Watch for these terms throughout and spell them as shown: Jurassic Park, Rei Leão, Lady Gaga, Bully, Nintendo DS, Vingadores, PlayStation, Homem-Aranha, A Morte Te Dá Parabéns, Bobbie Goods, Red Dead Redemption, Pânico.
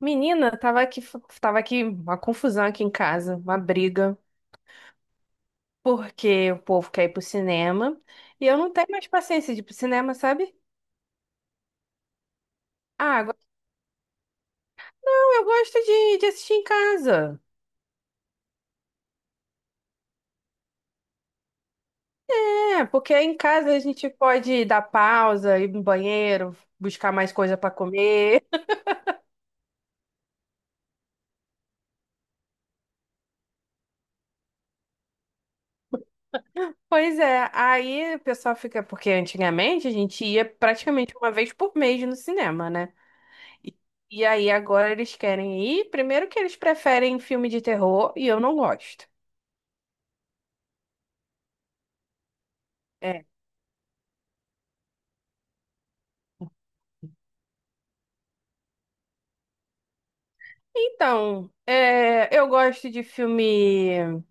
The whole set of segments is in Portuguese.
Menina, tava aqui uma confusão aqui em casa, uma briga, porque o povo quer ir pro cinema e eu não tenho mais paciência de ir pro cinema, sabe? Ah, agora não, eu gosto de assistir em casa. É, porque em casa a gente pode dar pausa, ir no banheiro, buscar mais coisa pra comer. Pois é, aí o pessoal fica, porque antigamente a gente ia praticamente uma vez por mês no cinema, né? E e aí agora eles querem ir, primeiro que eles preferem filme de terror e eu não gosto. É. Eu gosto de filme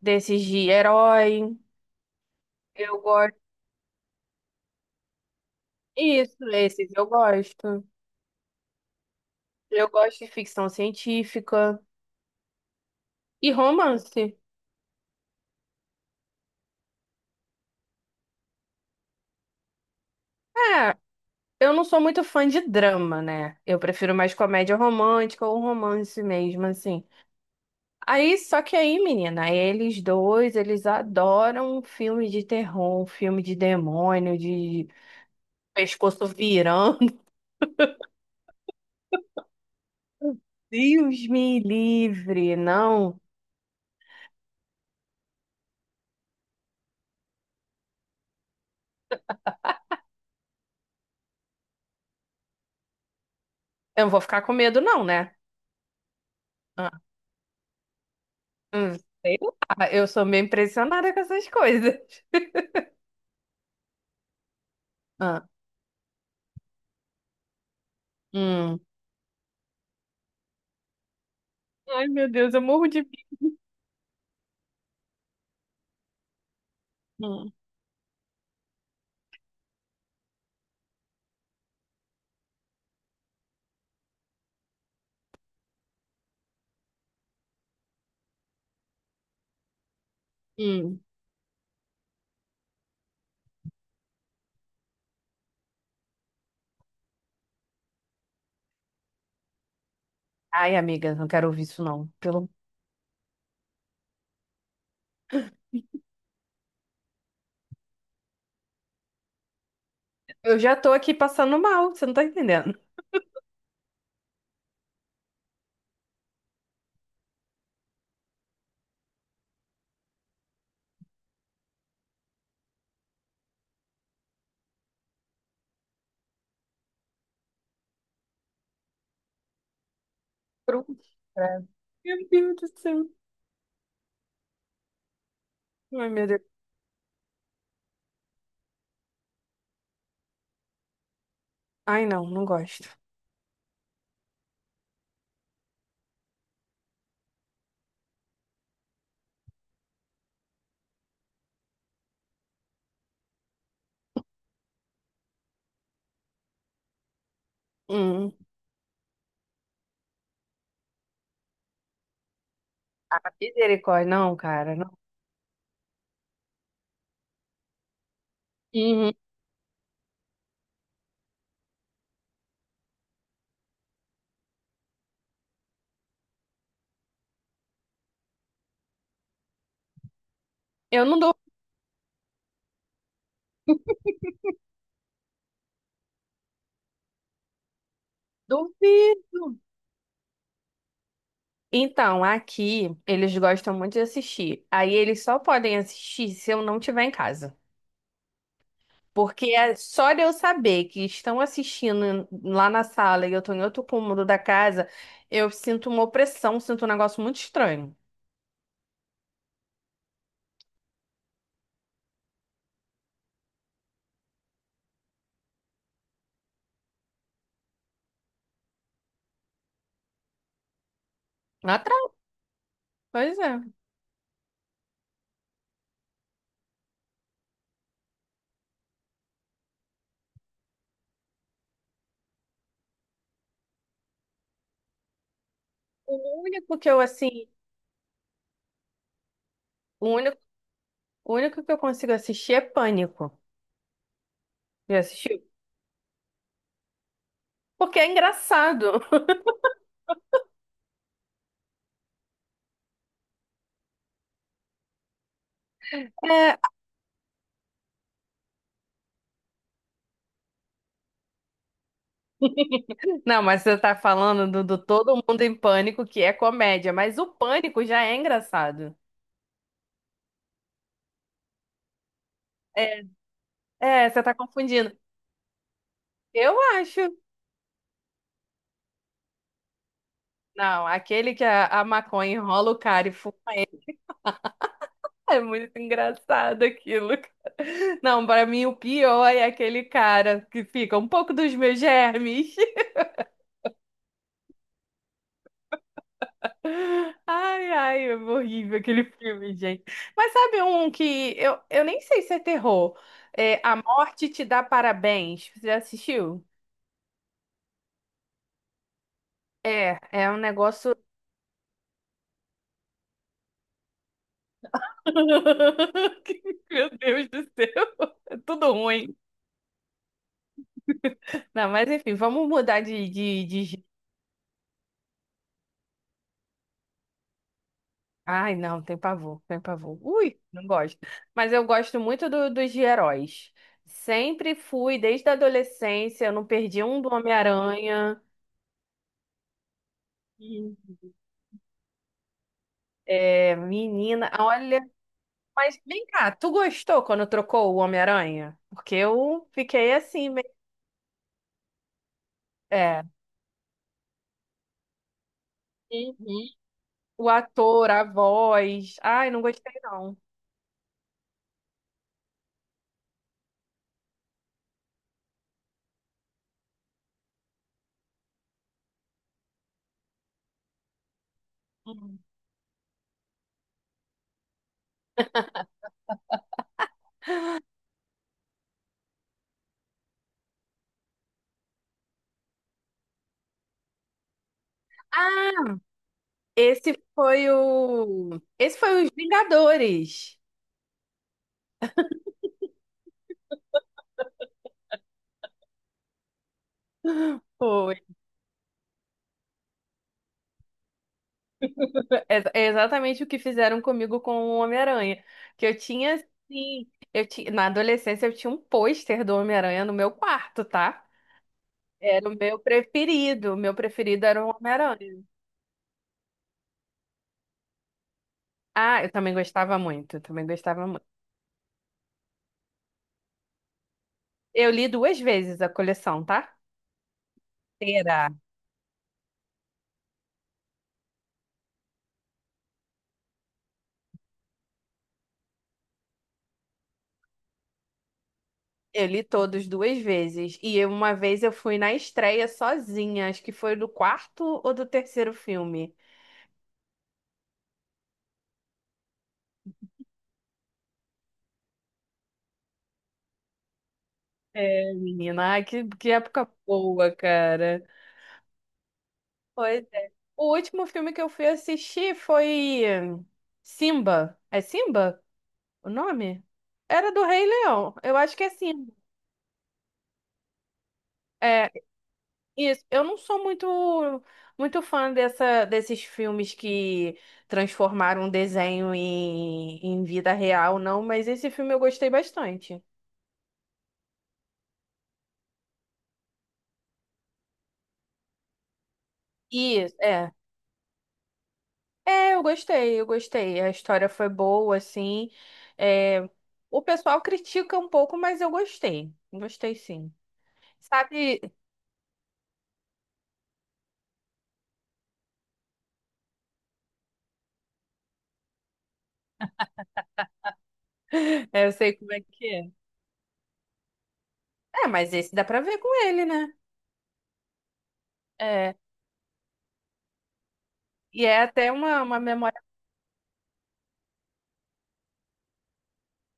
desses de herói. Eu gosto. Isso, esses eu gosto. Eu gosto de ficção científica e romance. É, eu não sou muito fã de drama, né? Eu prefiro mais comédia romântica ou romance mesmo, assim. Aí, só que aí, menina, eles dois, eles adoram filme de terror, filme de demônio, de pescoço virando. Deus me livre, não. Eu não vou ficar com medo, não, né? Ah, hum, sei lá, eu sou meio impressionada com essas coisas. Ah, hum. Ai, meu Deus, eu morro de medo. Hum, hum. Ai, amiga, não quero ouvir isso, não. Pelo... Eu já tô aqui passando mal, você não tá entendendo. Pronto. É. Meu Deus do céu. Ai, meu Deus. Ai, não, não gosto. Hum. Misericórdia, não, cara, não. Uhum. Eu não dou. Duvido. Então, aqui eles gostam muito de assistir. Aí eles só podem assistir se eu não estiver em casa. Porque é só de eu saber que estão assistindo lá na sala e eu tô em outro cômodo da casa, eu sinto uma opressão, sinto um negócio muito estranho. Lá atrás, pois é. O único que eu, assim, o único, o único que eu consigo assistir é Pânico. Já assistiu? Porque é engraçado. É. Não, mas você tá falando do Todo Mundo em Pânico, que é comédia, mas o Pânico já é engraçado. É, é, você tá confundindo. Eu acho. Não, aquele que a maconha enrola o cara e fu- É muito engraçado aquilo. Não, pra mim o pior é aquele cara que fica um pouco dos meus germes. Ai, ai, é horrível aquele filme, gente. Mas sabe um que eu nem sei se é terror. É A Morte Te Dá Parabéns. Você já assistiu? É, é um negócio. Meu Deus do céu, é tudo ruim. Não, mas enfim, vamos mudar de. Ai, não, tem pavor, tem pavor. Ui, não gosto. Mas eu gosto muito do- dos de heróis. Sempre fui, desde a adolescência, eu não perdi um do Homem-Aranha. Hum. É, menina, olha, mas vem cá, tu gostou quando trocou o Homem-Aranha? Porque eu fiquei assim, meio... É. Uhum. O ator, a voz. Ai, não gostei não. Hum. Ah, esse foi os Vingadores. Foi É é exatamente o que fizeram comigo com o Homem-Aranha. Que eu tinha, sim, eu ti- na adolescência eu tinha um pôster do Homem-Aranha no meu quarto, tá? Era o meu preferido. O meu preferido era o Homem-Aranha. Ah, eu também gostava muito, eu também gostava muito. Eu li duas vezes a coleção, tá? Inteira. Eu li todos duas vezes. E eu- uma vez eu fui na estreia sozinha, acho que foi do quarto ou do terceiro filme. É, menina, ai, que época boa, cara. Pois é. O último filme que eu fui assistir foi Simba. É Simba o nome? Era do Rei Leão. Eu acho que é Simba. É, isso. Eu não sou muito fã dessa, desses filmes que transformaram um desenho em vida real, não, mas esse filme eu gostei bastante. Isso, é. É, eu gostei, eu gostei. A história foi boa, assim. É, o pessoal critica um pouco, mas eu gostei. Gostei, sim. Sabe? É. Eu sei como é que é. É, mas esse dá pra ver com ele, né? É. E é até uma memória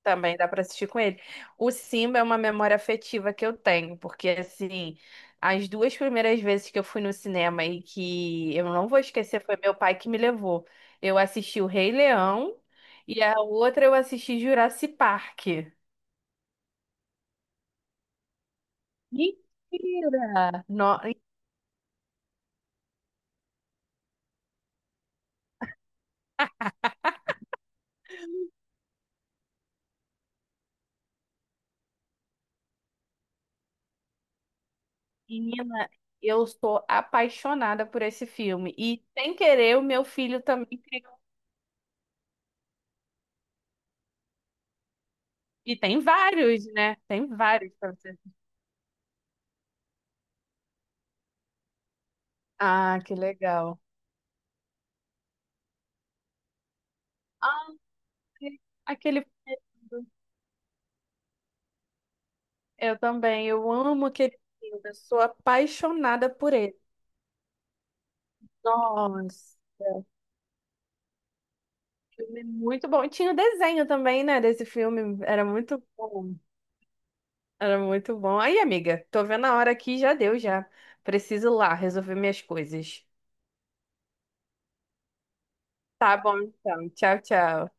também, dá pra assistir com ele. O Simba é uma memória afetiva que eu tenho, porque assim, as duas primeiras vezes que eu fui no cinema e que eu não vou esquecer, foi meu pai que me levou. Eu assisti o Rei Leão e a outra eu assisti Jurassic Park. Mentira! No- Menina, eu sou apaixonada por esse filme. E, sem querer, o meu filho também criou. E tem vários, né? Tem vários pra você. Ah, que legal. Ah, aquele período. Eu também, eu amo aquele filme. Eu sou apaixonada por ele. Nossa, o filme é muito bom. E tinha o desenho também, né, desse filme. Era muito bom. Era muito bom. Aí, amiga, tô vendo a hora aqui, já deu, já. Preciso ir lá resolver minhas coisas. Tá bom, então. Tchau, tchau.